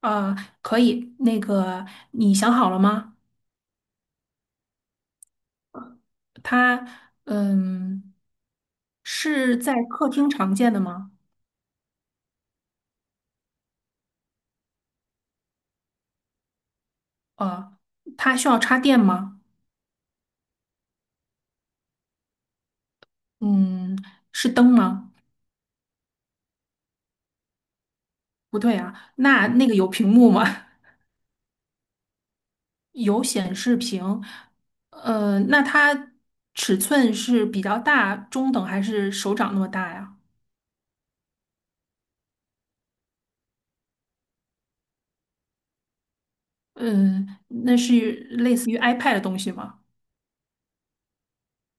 啊，可以。你想好了吗？它，嗯，是在客厅常见的吗？啊，它需要插电吗？嗯，是灯吗？不对啊，那个有屏幕吗？有显示屏。那它尺寸是比较大、中等还是手掌那么大呀？嗯，那是类似于 iPad 的东西吗？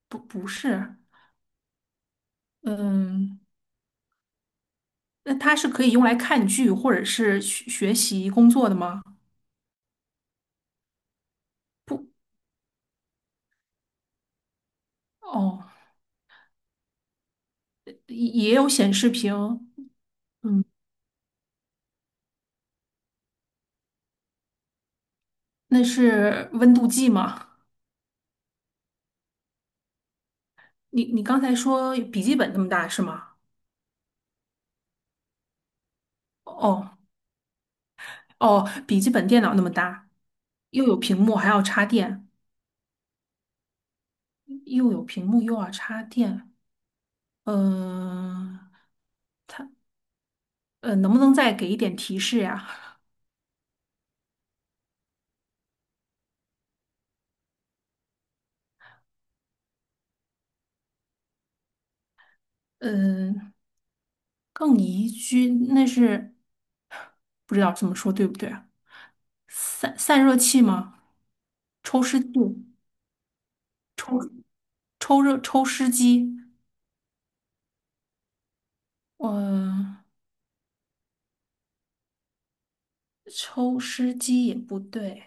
不是。嗯。那它是可以用来看剧或者是学习工作的吗？不，哦，也有显示屏，嗯，那是温度计吗？你刚才说笔记本那么大是吗？哦哦，笔记本电脑那么大，又有屏幕还要插电，又有屏幕又要插电，嗯能不能再给一点提示呀？嗯，更宜居，那是不知道这么说对不对啊？散热器吗？抽湿器、抽湿机，嗯，抽湿机也不对。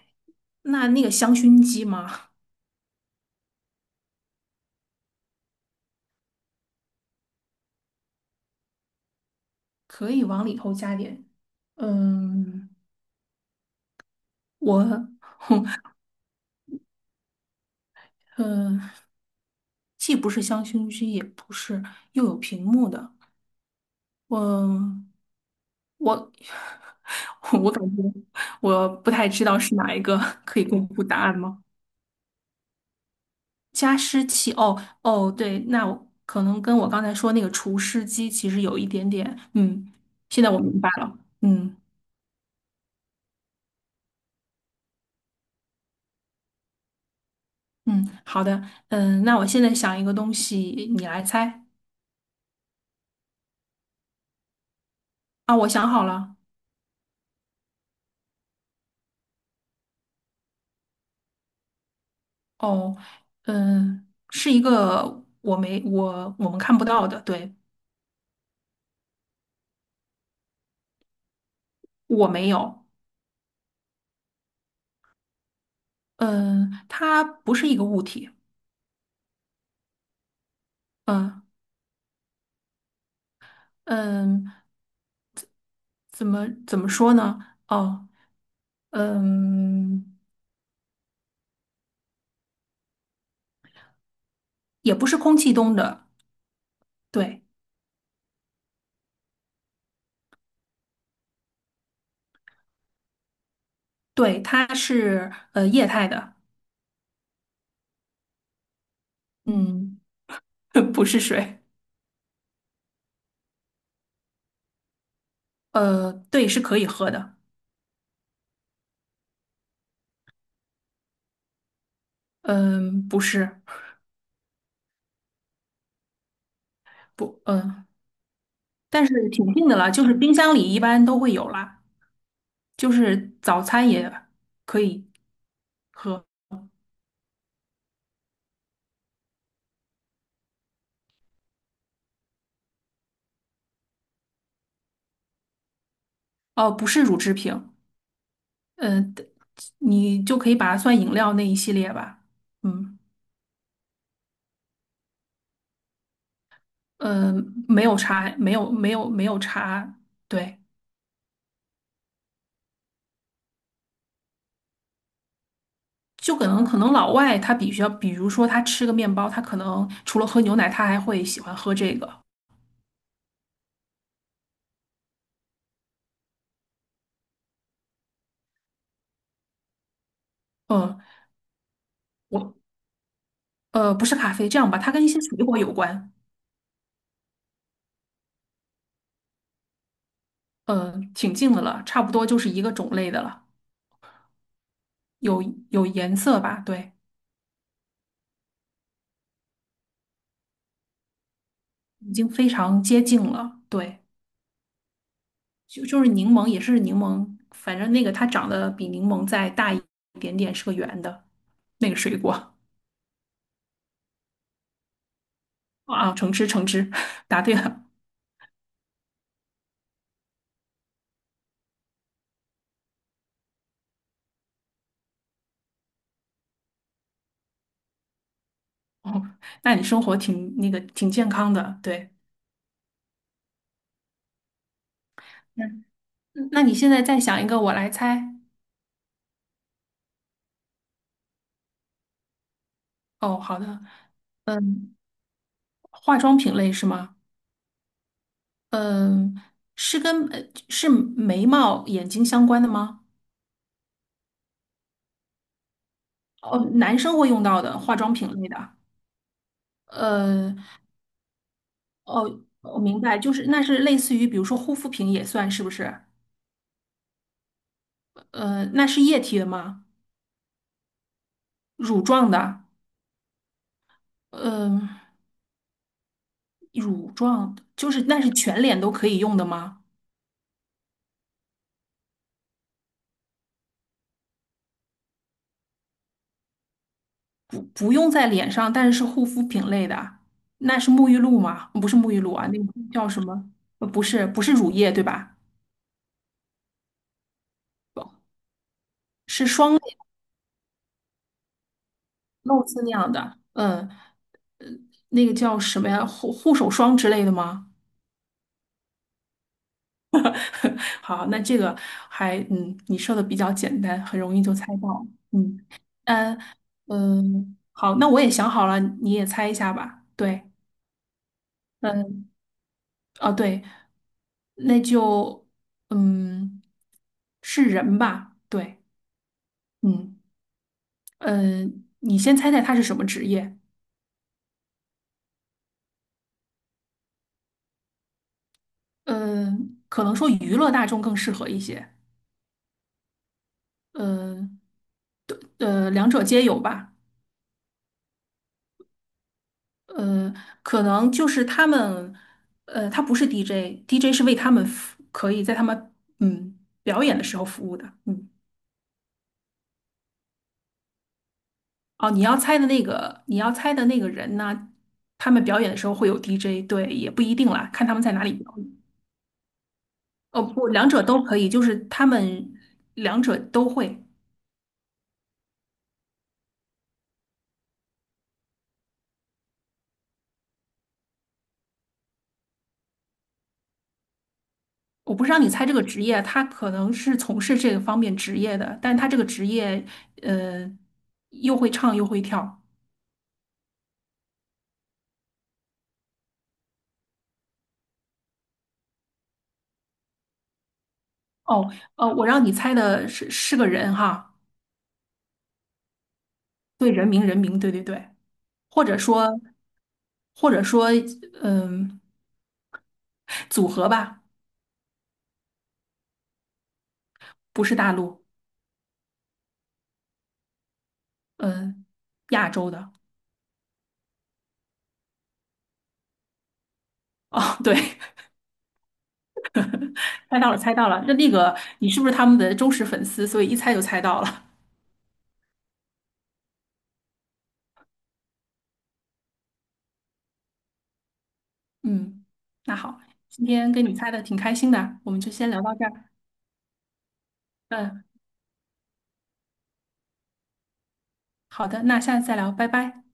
那个香薰机吗？可以往里头加点。嗯，我，嗯，既不是香薰机，也不是又有屏幕的。我我 我感觉我不太知道是哪一个，可以公布答案吗？加湿器，哦，对，那我可能跟我刚才说那个除湿机其实有一点点，嗯，现在我明白了，嗯嗯，好的，嗯，那我现在想一个东西，你来猜。啊，我想好了。哦，嗯，是一个我没我我们看不到的，对。我没有，嗯，它不是一个物体，嗯嗯，怎么说呢？哦，嗯，也不是空气中的，对。对，它是液态的，嗯，不是水。呃，对，是可以喝的。嗯、不是，不，嗯、但是挺近的了，就是冰箱里一般都会有啦，就是早餐也可以喝。哦、不是乳制品，嗯、呃，你就可以把它算饮料那一系列吧，嗯，呃，没有茶，没有茶，对。就可能老外他比较，比如说他吃个面包，他可能除了喝牛奶，他还会喜欢喝这个。嗯，我不是咖啡，这样吧，它跟一些水果有关。嗯，挺近的了，差不多就是一个种类的了，有有颜色吧？对，已经非常接近了。对，就是柠檬，也是柠檬，反正那个它长得比柠檬再大一点点，是个圆的那个水果。啊，橙汁橙汁，答对了。哦，那你生活挺那个挺健康的，对。嗯。嗯那你现在再想一个，我来猜。哦，好的，嗯，化妆品类是吗？嗯，是跟是眉毛、眼睛相关的吗？哦，男生会用到的化妆品类的。呃，哦，我明白，就是那是类似于，比如说护肤品也算是不是？呃，那是液体的吗？乳状的？嗯、乳状就是那是全脸都可以用的吗？不用在脸上，但是是护肤品类的啊，那是沐浴露吗？不是沐浴露啊，那个叫什么？呃，不是，不是乳液对吧？是霜类，露丝那样的，嗯，那个叫什么呀？护手霜之类的吗？好，那这个还嗯，你说的比较简单，很容易就猜到，嗯，嗯嗯，好，那我也想好了，你也猜一下吧，对。嗯，哦对，那就嗯是人吧，对。嗯。嗯、呃你先猜猜他是什么职业？嗯、可能说娱乐大众更适合一些。嗯呃，呃两者皆有吧。呃，可能就是他们，呃，他不是 DJ，DJ 是为他们服，可以在他们嗯表演的时候服务的。嗯，哦，你要猜的那个，你要猜的那个人呢，他们表演的时候会有 DJ,对，也不一定啦，看他们在哪里表演。哦，不，两者都可以，就是他们两者都会。我不是让你猜这个职业，他可能是从事这个方面职业的，但他这个职业，呃，又会唱又会跳。哦，呃，我让你猜的是是个人哈，对，人名人名，对，或者说或者说，嗯、组合吧。不是大陆，嗯、亚洲的。哦，对，猜到了，猜到了。那那个，你是不是他们的忠实粉丝？所以一猜就猜到了。嗯，那好，今天跟你猜的挺开心的，我们就先聊到这儿。嗯。好的，那下次再聊，拜拜。